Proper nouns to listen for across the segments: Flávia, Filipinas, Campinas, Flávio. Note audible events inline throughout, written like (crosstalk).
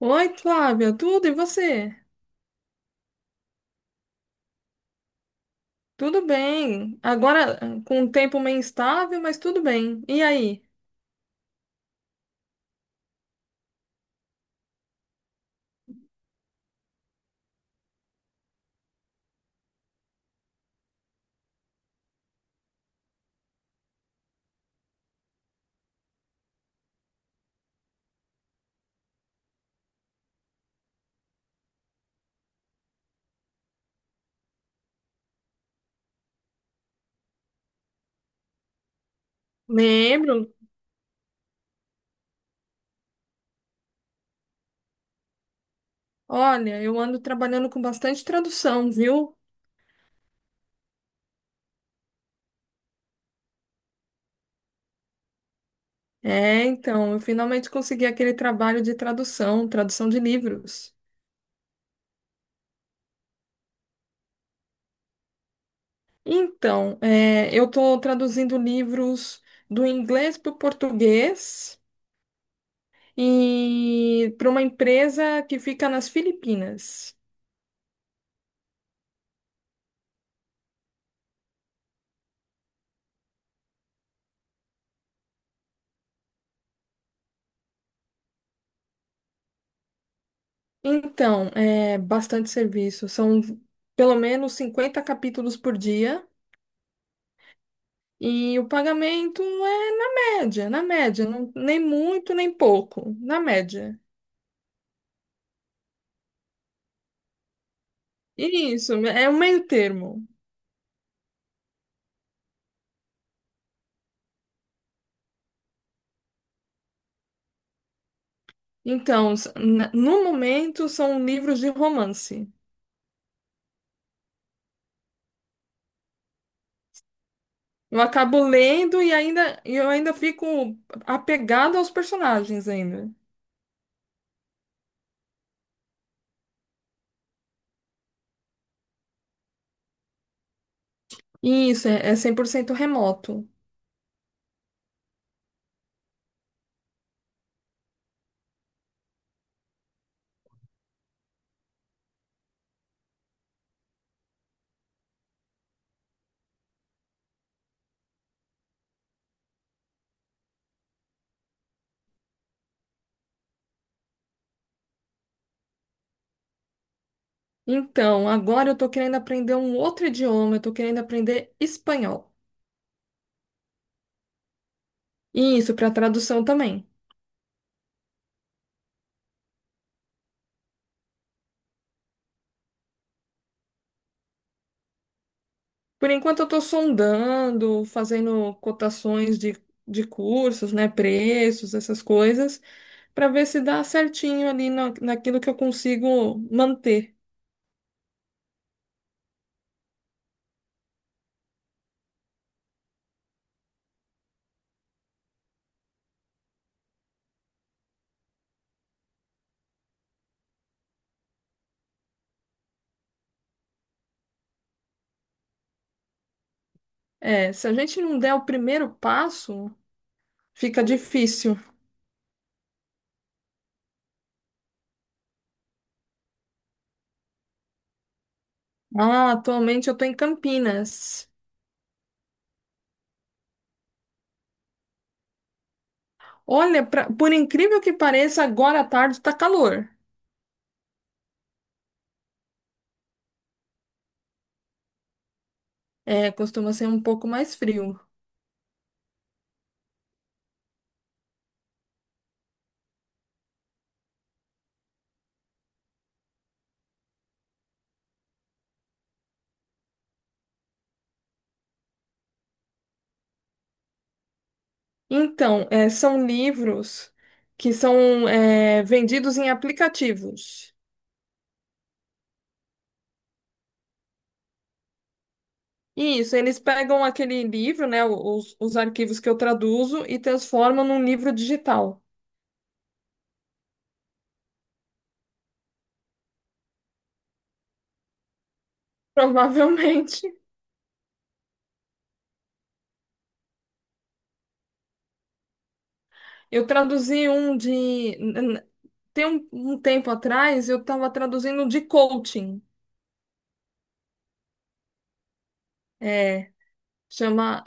Oi, Flávia, tudo e você? Tudo bem. Agora com um tempo meio instável, mas tudo bem. E aí? Lembro. Olha, eu ando trabalhando com bastante tradução, viu? É, então, eu finalmente consegui aquele trabalho de tradução, tradução de livros. Então, é, eu estou traduzindo livros do inglês para o português e para uma empresa que fica nas Filipinas. Então, é bastante serviço. São pelo menos 50 capítulos por dia e o pagamento é na média, nem muito nem pouco, na média. E isso, é um meio termo. Então, no momento são livros de romance. Eu acabo lendo e eu ainda fico apegado aos personagens ainda. E isso, é 100% remoto. Então, agora eu tô querendo aprender um outro idioma, eu tô querendo aprender espanhol. E isso, para tradução também. Por enquanto eu tô sondando, fazendo cotações de cursos, né, preços, essas coisas, para ver se dá certinho ali naquilo que eu consigo manter. É, se a gente não der o primeiro passo, fica difícil. Ah, atualmente eu tô em Campinas. Olha, por incrível que pareça, agora à tarde tá calor. É, costuma ser um pouco mais frio. Então, é, são livros que são vendidos em aplicativos. Isso, eles pegam aquele livro, né, os arquivos que eu traduzo e transformam num livro digital. (laughs) Provavelmente. Eu traduzi um de. N- n- Tem um tempo atrás, eu estava traduzindo de coaching. É, chama.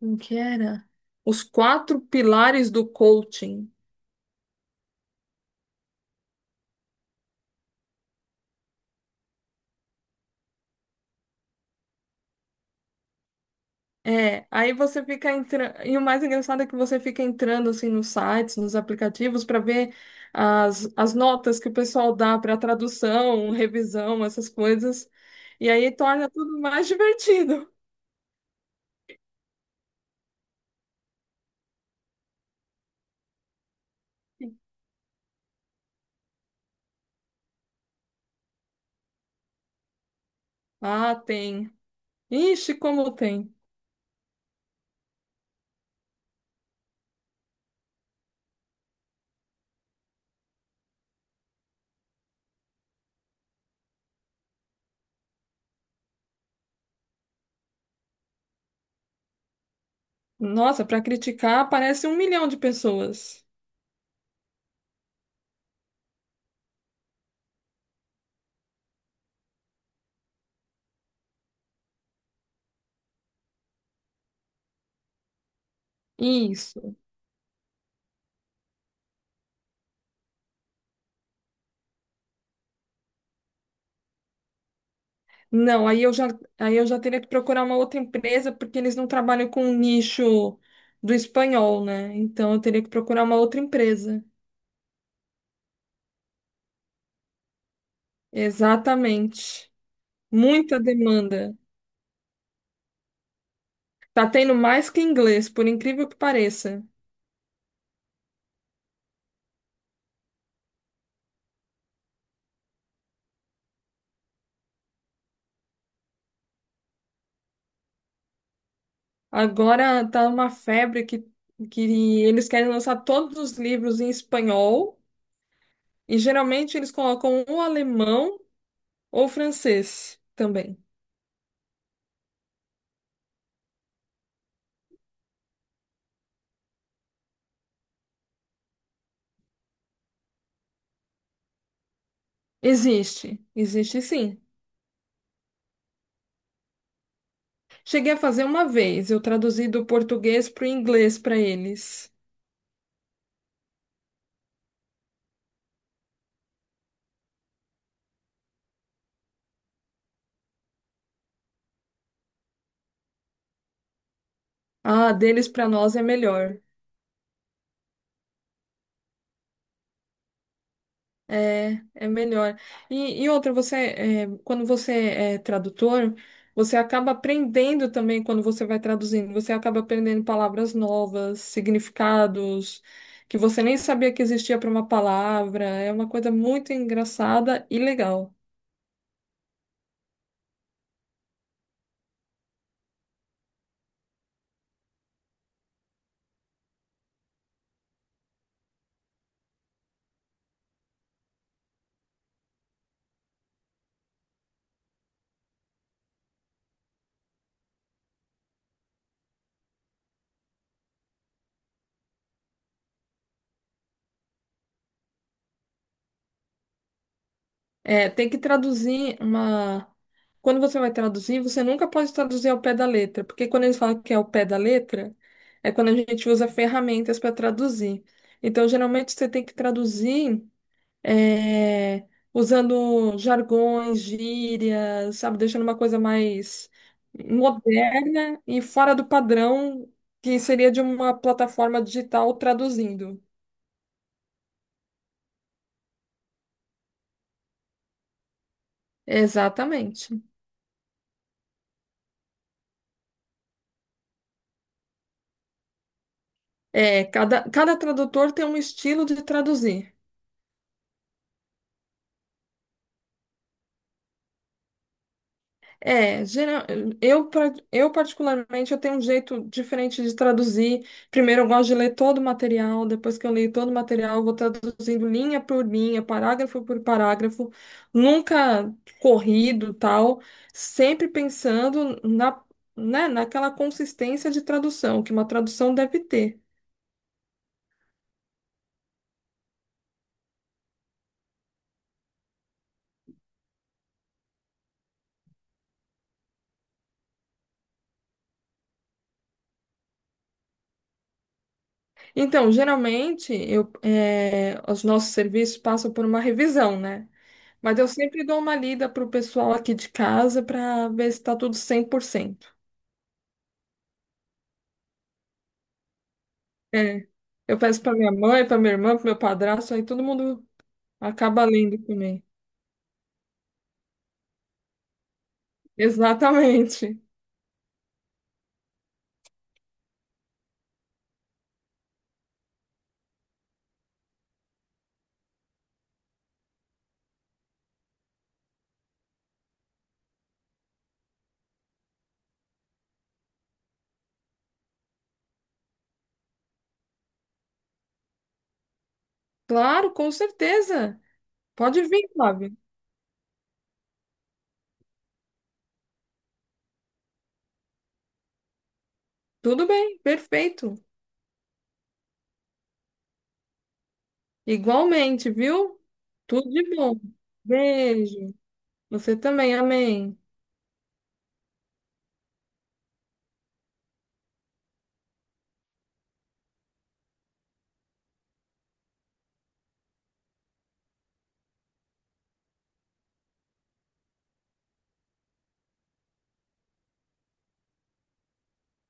Como que era? Os quatro pilares do coaching. É, aí você fica entrando. E o mais engraçado é que você fica entrando assim nos sites, nos aplicativos, para ver as notas que o pessoal dá para tradução, revisão, essas coisas. E aí torna tudo mais (laughs) divertido. Ah, tem. Ixi, como tem. Nossa, para criticar aparece 1 milhão de pessoas. Isso. Não, aí eu já teria que procurar uma outra empresa, porque eles não trabalham com o nicho do espanhol, né? Então eu teria que procurar uma outra empresa. Exatamente. Muita demanda. Tá tendo mais que inglês, por incrível que pareça. Agora tá uma febre que eles querem lançar todos os livros em espanhol e geralmente eles colocam ou alemão ou francês também. Existe, existe sim. Cheguei a fazer uma vez, eu traduzi do português para o inglês para eles. Ah, deles para nós é melhor. É melhor. E outra, quando você é tradutor, você acaba aprendendo também quando você vai traduzindo. Você acaba aprendendo palavras novas, significados que você nem sabia que existia para uma palavra. É uma coisa muito engraçada e legal. É, tem que traduzir uma. Quando você vai traduzir, você nunca pode traduzir ao pé da letra, porque quando eles falam que é ao pé da letra, é quando a gente usa ferramentas para traduzir. Então, geralmente, você tem que traduzir. é, usando jargões, gírias, sabe? Deixando uma coisa mais moderna e fora do padrão que seria de uma plataforma digital traduzindo. Exatamente. É, cada tradutor tem um estilo de traduzir. É, eu particularmente, eu tenho um jeito diferente de traduzir. Primeiro, eu gosto de ler todo o material, depois que eu leio todo o material, eu vou traduzindo linha por linha, parágrafo por parágrafo, nunca corrido, tal, sempre pensando né, naquela consistência de tradução, que uma tradução deve ter. Então, geralmente, os nossos serviços passam por uma revisão, né? Mas eu sempre dou uma lida pro pessoal aqui de casa para ver se tá tudo 100%. É. Eu peço para minha mãe, para minha irmã, para meu padrasto, aí todo mundo acaba lendo também. Exatamente. Claro, com certeza. Pode vir, Flávio. Tudo bem, perfeito. Igualmente, viu? Tudo de bom. Beijo. Você também, amém.